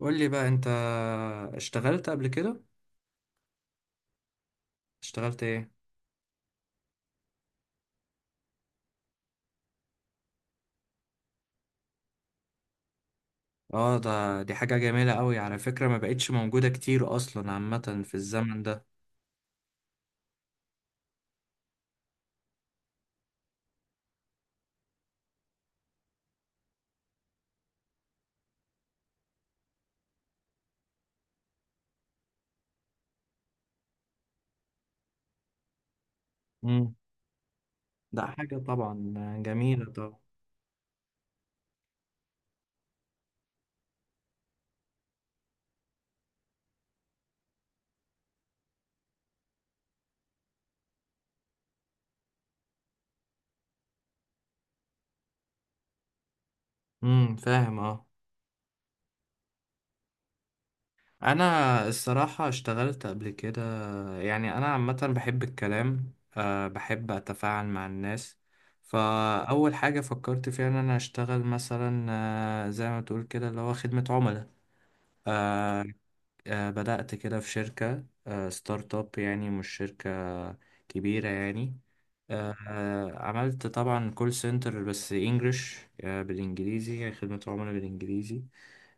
قول لي بقى انت، اشتغلت قبل كده؟ اشتغلت ايه؟ اه، دي حاجة جميلة قوي على فكرة، ما بقتش موجودة كتير اصلا عامة في الزمن ده. امم ده حاجة طبعا جميلة طبعا. امم، فاهم، اه. انا الصراحة اشتغلت قبل كده. يعني انا عامة بحب الكلام، بحب اتفاعل مع الناس. فاول حاجة فكرت فيها ان انا اشتغل مثلا، زي ما تقول كده اللي هو خدمة عملاء. آه، بدأت كده في شركة، ستارت اب، يعني مش شركة كبيرة يعني. عملت طبعا كول سنتر بس انجلش، بالانجليزي، يعني خدمة عملاء بالانجليزي.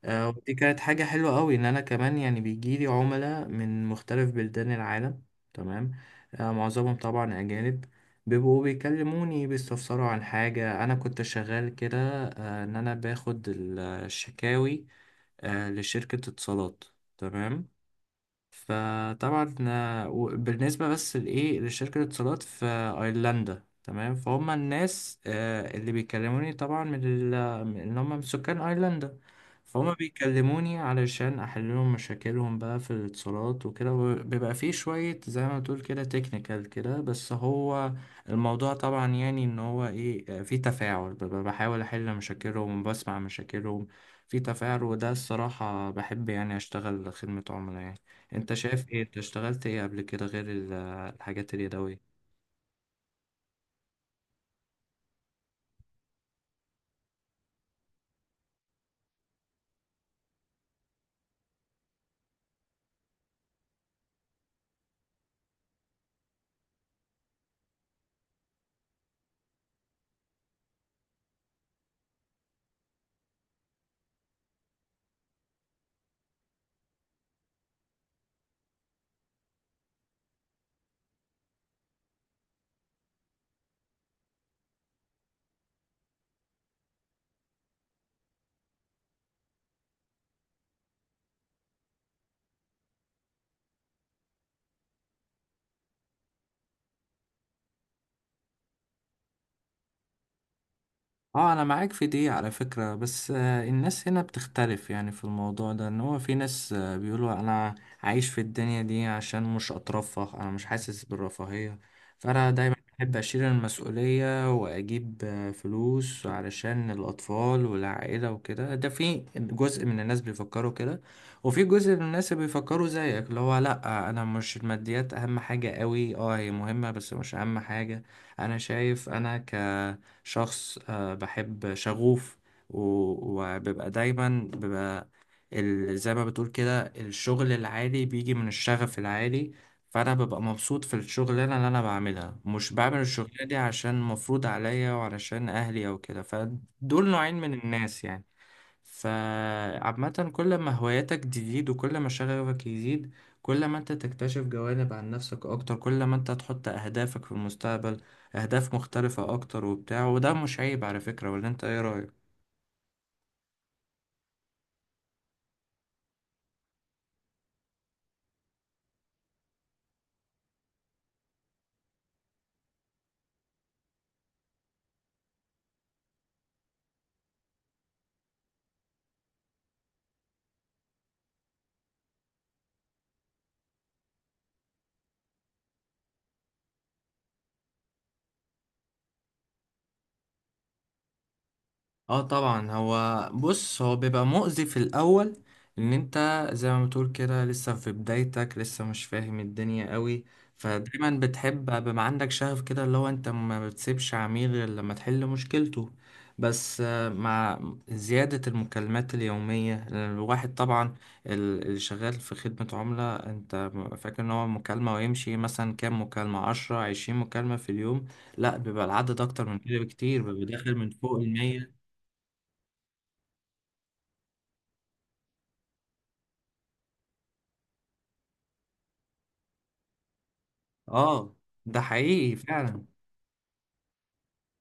ودي كانت حاجة حلوة قوي ان انا كمان يعني بيجيلي عملاء من مختلف بلدان العالم. تمام. معظمهم طبعا اجانب، بيبقوا بيكلموني بيستفسروا عن حاجة. أنا كنت شغال كده، إن أنا باخد الشكاوي لشركة اتصالات. تمام. فطبعا بالنسبة بس لإيه، لشركة الاتصالات في أيرلندا. تمام. فهم الناس اللي بيكلموني طبعا، إن هم من سكان أيرلندا. فهم بيكلموني علشان أحل لهم مشاكلهم بقى في الاتصالات وكده، بيبقى فيه شوية زي ما تقول كده تكنيكال كده، بس هو الموضوع طبعا، يعني إن هو إيه، فيه تفاعل، ببقى بحاول أحل مشاكلهم، بسمع مشاكلهم. فيه تفاعل، وده الصراحة بحب يعني أشتغل خدمة عملاء يعني. انت شايف ايه؟ انت اشتغلت ايه قبل كده غير الحاجات اليدوية؟ اه، انا معاك في دي على فكرة. بس الناس هنا بتختلف يعني في الموضوع ده، ان هو في ناس بيقولوا انا عايش في الدنيا دي عشان مش اترفه، انا مش حاسس بالرفاهية. فانا دايما بحب اشيل المسؤولية واجيب فلوس علشان الاطفال والعائلة وكده. ده في جزء من الناس بيفكروا كده. وفي جزء من الناس بيفكروا زيك، اللي هو لا، انا مش، الماديات اهم حاجة قوي، اه هي مهمة بس مش اهم حاجة. انا شايف انا ك شخص بحب شغوف. وببقى دايما ببقى زي ما بتقول كده، الشغل العالي بيجي من الشغف العالي. فأنا ببقى مبسوط في الشغلانة اللي أنا بعملها، مش بعمل الشغلانة دي عشان مفروض عليا وعلشان أهلي أو كده، فدول نوعين من الناس يعني. فعامة كل ما هواياتك تزيد وكل ما شغفك يزيد، كل ما انت تكتشف جوانب عن نفسك اكتر، كل ما انت تحط اهدافك في المستقبل اهداف مختلفة اكتر وبتاع، وده مش عيب على فكرة. ولا انت ايه رأيك؟ اه طبعا، هو بص، هو بيبقى مؤذي في الاول، ان انت زي ما بتقول كده لسه في بدايتك، لسه مش فاهم الدنيا قوي. فدايما بتحب بيبقى عندك شغف كده، اللي هو انت ما بتسيبش عميل غير لما تحل مشكلته. بس مع زيادة المكالمات اليومية، لأن الواحد طبعا اللي شغال في خدمة عملاء، انت فاكر ان هو مكالمة ويمشي، مثلا كام مكالمة؟ 10، 20 مكالمة في اليوم؟ لا، بيبقى العدد أكتر من كده بكتير، بيبقى داخل من فوق المية. اه، ده حقيقي فعلا.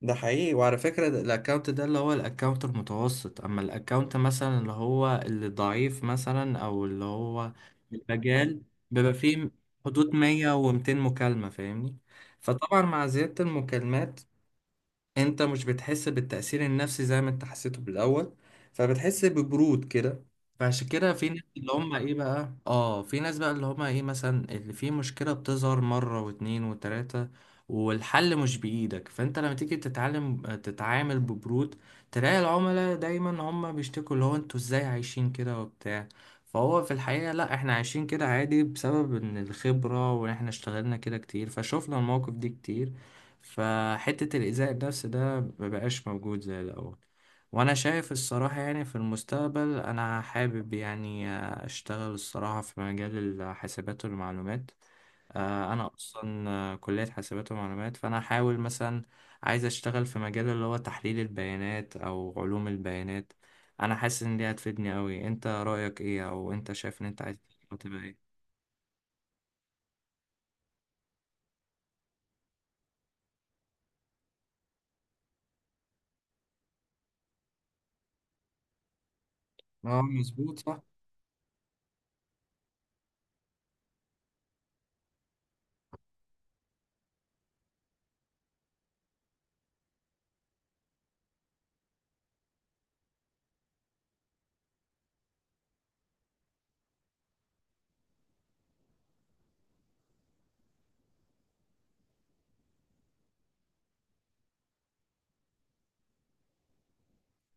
ده حقيقي، وعلى فكرة الاكونت ده اللي هو الاكونت المتوسط، اما الاكونت مثلا اللي هو اللي ضعيف مثلا، او اللي هو المجال، بيبقى فيه حدود 100 و200 مكالمة، فاهمني. فطبعا مع زيادة المكالمات، انت مش بتحس بالتأثير النفسي زي ما انت حسيته بالأول، فبتحس ببرود كده. فعشان كده في ناس اللي هم ايه بقى، في ناس بقى اللي هم ايه، مثلا اللي في مشكلة بتظهر مرة واتنين وتلاتة، والحل مش بإيدك، فانت لما تيجي تتعلم تتعامل ببرود، تلاقي العملاء دايما هم بيشتكوا اللي هو انتوا ازاي عايشين كده وبتاع. فهو في الحقيقة لا، احنا عايشين كده عادي بسبب ان الخبرة، واحنا اشتغلنا كده كتير فشوفنا المواقف دي كتير، فحتة الإيذاء النفسي ده مبقاش موجود زي الأول. وأنا شايف الصراحة، يعني في المستقبل أنا حابب يعني أشتغل الصراحة في مجال الحاسبات والمعلومات. أنا أصلا كلية حاسبات ومعلومات، فأنا أحاول مثلا، عايز أشتغل في مجال اللي هو تحليل البيانات أو علوم البيانات. أنا حاسس إن دي هتفيدني أوي. أنت رأيك إيه؟ أو أنت شايف إن أنت عايز تبقى إيه؟ اه مظبوط، صح.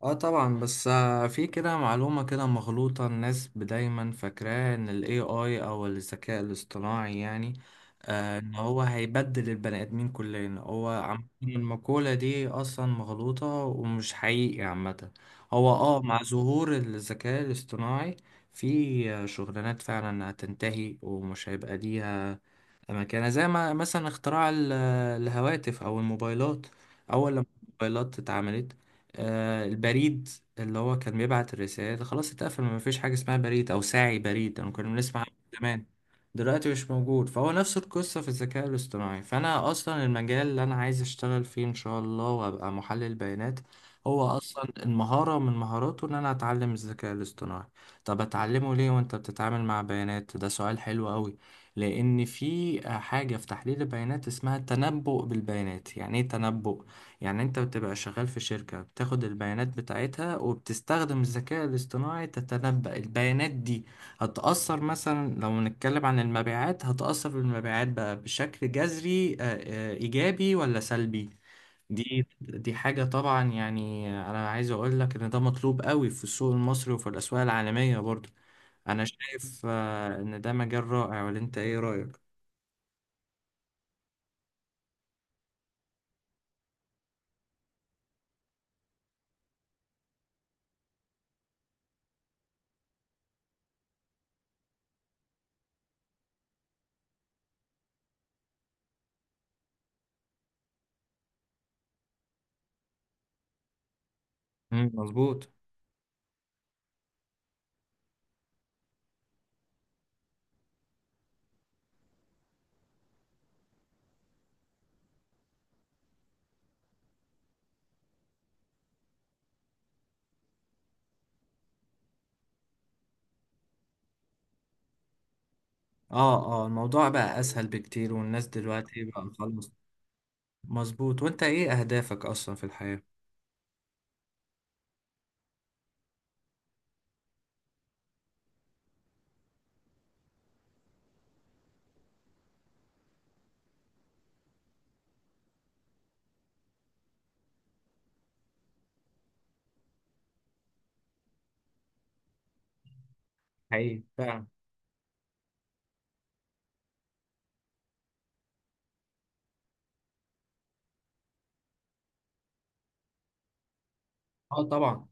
اه طبعا، بس في كده معلومة كده مغلوطة، الناس دايما فاكراه ان ال AI او الذكاء الاصطناعي، يعني ان هو هيبدل البني ادمين كلنا، هو عم المقولة دي اصلا مغلوطة ومش حقيقي عامة. هو مع ظهور الذكاء الاصطناعي في شغلانات فعلا هتنتهي ومش هيبقى ليها مكانة، زي ما مثلا اختراع الهواتف أو الموبايلات. أول لما الموبايلات اتعملت، البريد اللي هو كان بيبعت الرسائل خلاص اتقفل، ما فيش حاجة اسمها بريد أو ساعي بريد، أنا كنا بنسمع عنه زمان، دلوقتي مش موجود. فهو نفس القصة في الذكاء الاصطناعي، فأنا أصلا المجال اللي أنا عايز أشتغل فيه إن شاء الله وأبقى محلل بيانات، هو أصلا المهارة من مهاراته إن أنا أتعلم الذكاء الاصطناعي. طب أتعلمه ليه وأنت بتتعامل مع بيانات؟ ده سؤال حلو أوي. لأن في حاجة في تحليل البيانات اسمها التنبؤ بالبيانات. يعني إيه تنبؤ؟ يعني أنت بتبقى شغال في شركة، بتاخد البيانات بتاعتها وبتستخدم الذكاء الاصطناعي تتنبأ البيانات دي هتأثر مثلا، لو نتكلم عن المبيعات، هتأثر بالمبيعات بقى بشكل جذري، إيجابي ولا سلبي؟ دي حاجة طبعا يعني، أنا عايز أقول لك إن ده مطلوب قوي في السوق المصري وفي الأسواق العالمية برضه. أنا شايف إن ده مجال رائع. ولا أنت إيه رأيك؟ مم، مظبوط. اه، اه، الموضوع بقى اسهل بكتير، والناس دلوقتي بقى خلاص. مظبوط. وانت ايه اهدافك اصلا في الحياة؟ حقيقي فعلا. اه طبعا،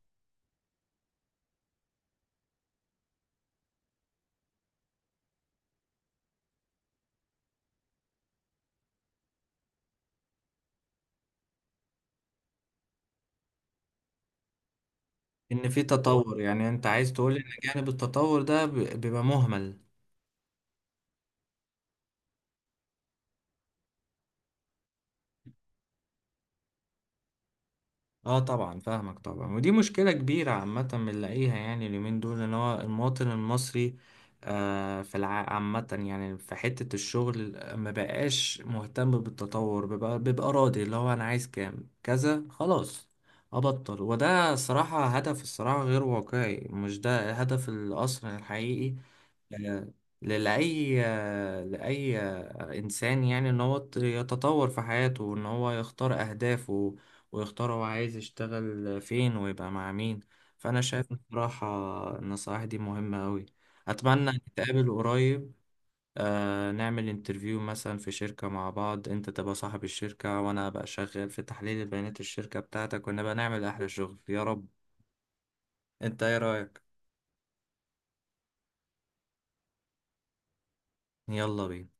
ان في تطور، يعني انت عايز تقول ان جانب التطور ده بيبقى مهمل؟ اه طبعا فاهمك طبعا، ودي مشكلة كبيرة عامة بنلاقيها يعني اليومين دول، ان هو المواطن المصري آه في الع... عامة يعني في حتة الشغل ما بقاش مهتم بالتطور، بيبقى راضي اللي هو انا عايز كام كذا خلاص ابطل. وده صراحة هدف، الصراحة غير واقعي، مش ده هدف الاصل الحقيقي آه، لأي إنسان، يعني إن هو يتطور في حياته، وإن هو يختار أهدافه، ويختار هو عايز يشتغل فين ويبقى مع مين. فأنا شايف بصراحة النصائح دي مهمة أوي. أتمنى نتقابل قريب. نعمل انترفيو مثلا في شركة مع بعض، أنت تبقى صاحب الشركة وأنا أبقى شغال في تحليل البيانات الشركة بتاعتك، ونبقى نعمل أحلى شغل يا رب. أنت إيه رأيك؟ يلا بينا.